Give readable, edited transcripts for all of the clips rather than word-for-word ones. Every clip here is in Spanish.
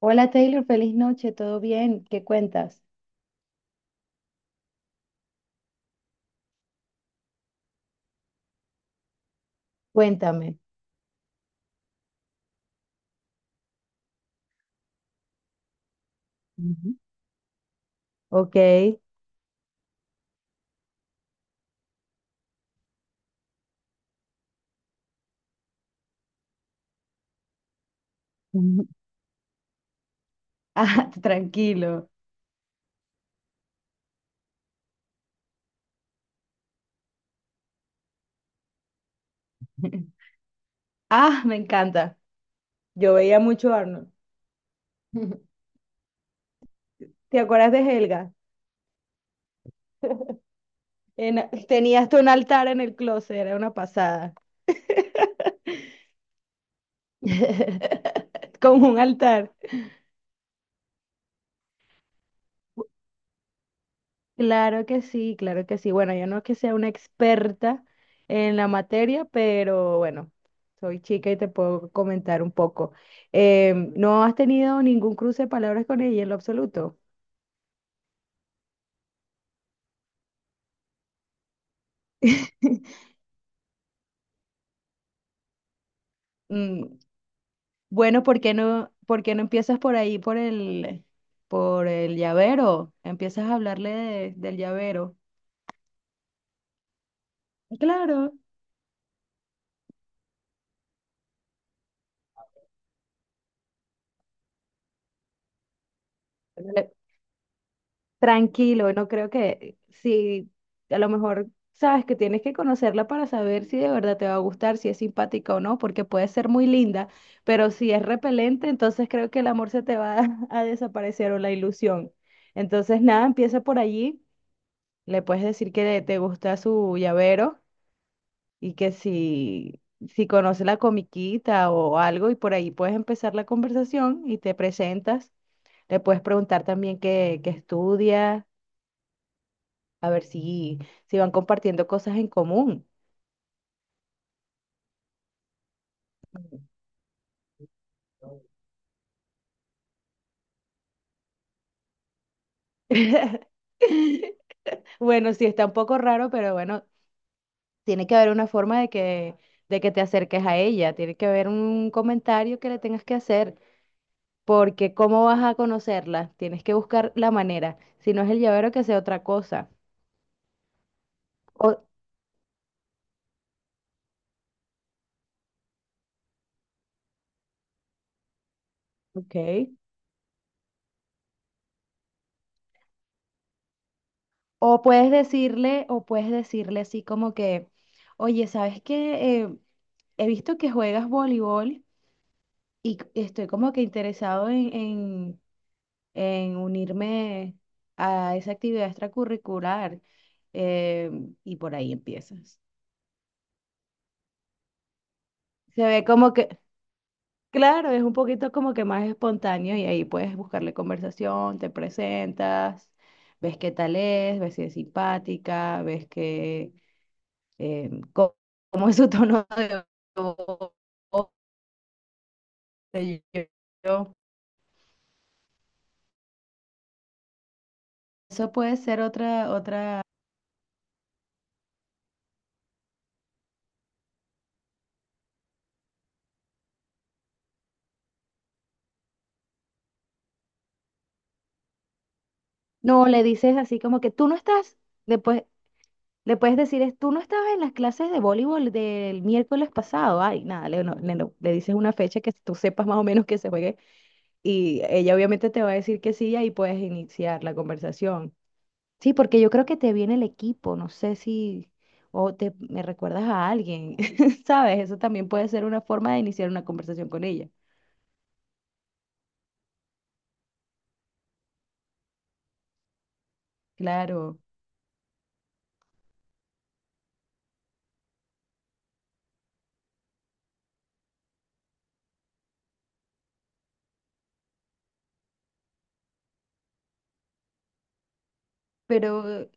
Hola Taylor, feliz noche, ¿todo bien? ¿Qué cuentas? Cuéntame. Ujú. Ok. Ujú. Ah, tranquilo. Ah, me encanta. Yo veía mucho Arnold. ¿Te acuerdas de Helga? Tenía hasta un altar en el closet, era una pasada. Como un altar. Claro que sí, claro que sí. Bueno, yo no que sea una experta en la materia, pero bueno, soy chica y te puedo comentar un poco. ¿No has tenido ningún cruce de palabras con ella en lo absoluto? Mm, bueno, ¿por qué no empiezas por ahí, por el llavero? Empiezas a hablarle del llavero. Claro. Tranquilo, no creo que si a lo mejor sabes que tienes que conocerla para saber si de verdad te va a gustar, si es simpática o no, porque puede ser muy linda, pero si es repelente, entonces creo que el amor se te va a desaparecer o la ilusión. Entonces, nada, empieza por allí, le puedes decir que te gusta su llavero y que si conoce la comiquita o algo y por ahí puedes empezar la conversación y te presentas, le puedes preguntar también qué estudia. A ver si van compartiendo cosas en común. Bueno, sí, está un poco raro, pero bueno, tiene que haber una forma de que te acerques a ella, tiene que haber un comentario que le tengas que hacer, porque ¿cómo vas a conocerla? Tienes que buscar la manera, si no es el llavero, que sea otra cosa. O, ok. O puedes decirle así como que, oye, ¿sabes qué? He visto que juegas voleibol y estoy como que interesado en unirme a esa actividad extracurricular. eh, y por ahí empiezas. Se ve como que, claro, es un poquito como que más espontáneo y ahí puedes buscarle conversación, te presentas, ves qué tal es, ves si es simpática, ves que, eh, co- cómo es su tono de voz. Qué sé yo. Eso puede ser otra. No, le dices así como que tú no estás, después le puedes decir es, tú no estabas en las clases de voleibol del miércoles pasado, ay, nada, le, no- le, no- le dices una fecha que tú sepas más o menos que se juegue y ella obviamente te va a decir que sí y ahí puedes iniciar la conversación. Sí, porque yo creo que te viene el equipo, no sé si, o te me recuerdas a alguien, ¿sabes? Eso también puede ser una forma de iniciar una conversación con ella, claro, pero...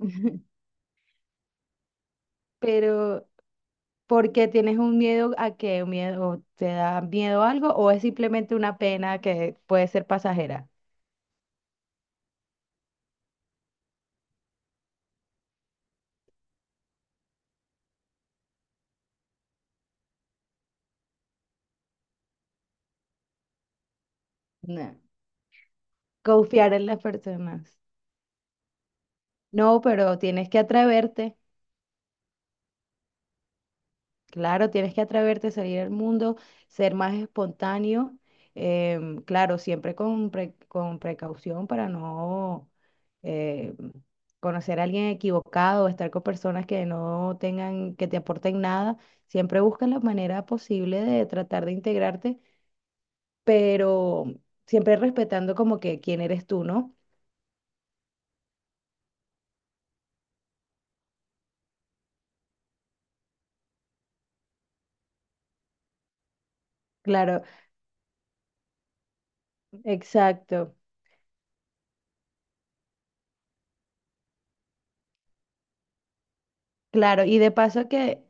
Pero porque tienes un miedo a que un miedo o te da miedo algo o es simplemente una pena que puede ser pasajera. No. Confiar en las personas. No, pero tienes que atreverte. Claro, tienes que atreverte a salir al mundo, ser más espontáneo, claro, siempre con precaución para no eh, conocer a alguien equivocado o estar con personas que no tengan, que te aporten nada. Siempre busca la manera posible de tratar de integrarte, pero siempre respetando como que quién eres tú, ¿no? Claro, exacto. Claro, y de paso que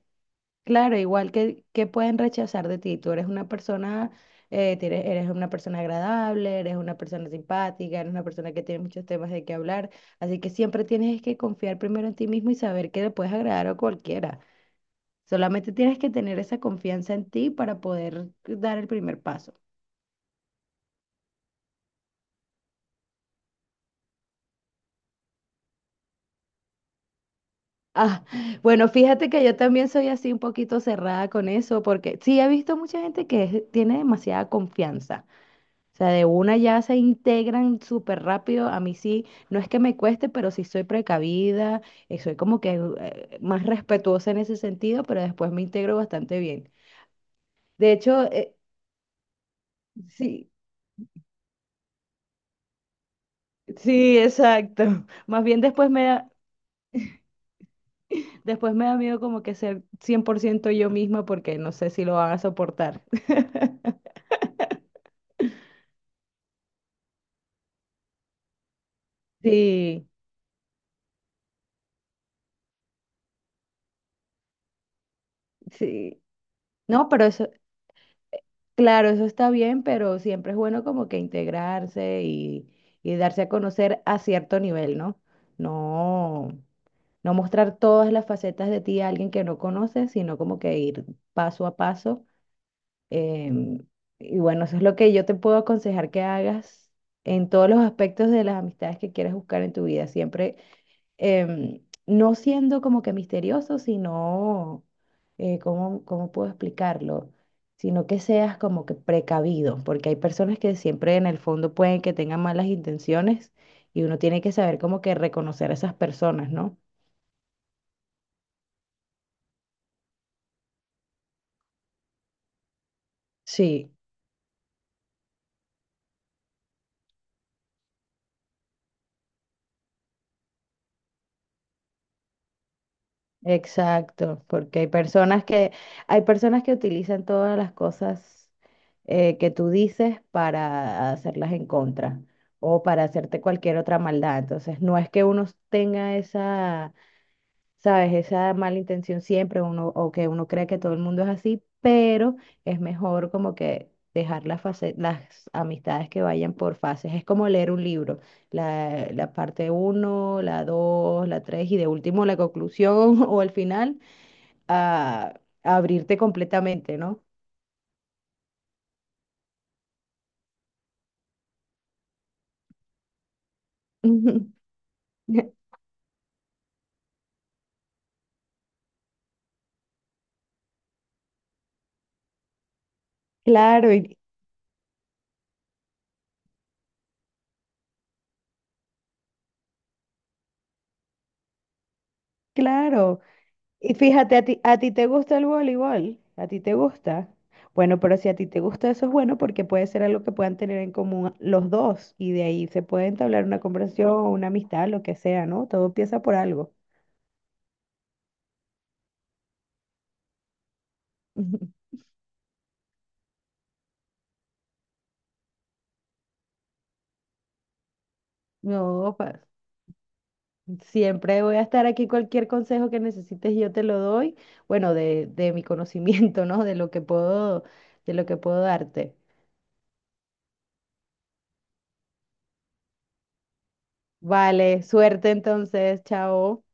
claro, igual que pueden rechazar de ti. Tú eres una persona, eres una persona agradable, eres una persona simpática, eres una persona que tiene muchos temas de qué hablar. Así que siempre tienes que confiar primero en ti mismo y saber que le puedes agradar a cualquiera. Solamente tienes que tener esa confianza en ti para poder dar el primer paso. Ah, bueno, fíjate que yo también soy así un poquito cerrada con eso, porque sí he visto mucha gente que tiene demasiada confianza. O sea, de una ya se integran súper rápido. A mí sí, no es que me cueste, pero sí soy precavida, soy como que más respetuosa en ese sentido, pero después me integro bastante bien. De hecho, sí, sí, exacto. Más bien después me da miedo como que ser 100% yo misma porque no sé si lo van a soportar. Sí, sí. No, pero eso claro, eso está bien, pero siempre es bueno como que integrarse y darse a conocer a cierto nivel, ¿no? No, no mostrar todas las facetas de ti a alguien que no conoces, sino como que ir paso a paso. em, y bueno, eso es lo que yo te puedo aconsejar que hagas en todos los aspectos de las amistades que quieras buscar en tu vida. Siempre no siendo como que misterioso, sino, ¿cómo puedo explicarlo? Sino que seas como que precavido, porque hay personas que siempre en el fondo pueden que tengan malas intenciones y uno tiene que saber como que reconocer a esas personas, ¿no? Sí. Exacto, porque hay personas que utilizan todas las cosas que tú dices para hacerlas en contra o para hacerte cualquier otra maldad. Entonces, no es que uno tenga esa, ¿sabes? Esa mala intención siempre, uno, o que uno cree que todo el mundo es así, pero es mejor como que dejar las amistades que vayan por fases. Es como leer un libro, la parte uno, la 2, la 3 y de último la conclusión o el final, a abrirte completamente, ¿no? Claro, claro. Y fíjate, a ti te gusta el voleibol, a ti te gusta. Bueno, pero si a ti te gusta eso es bueno porque puede ser algo que puedan tener en común los dos y de ahí se puede entablar una conversación, una amistad, lo que sea, ¿no? Todo empieza por algo. No, siempre voy a estar aquí. Cualquier consejo que necesites, yo te lo doy. Bueno, de mi conocimiento, ¿no? De lo que puedo darte. Vale, suerte entonces, chao.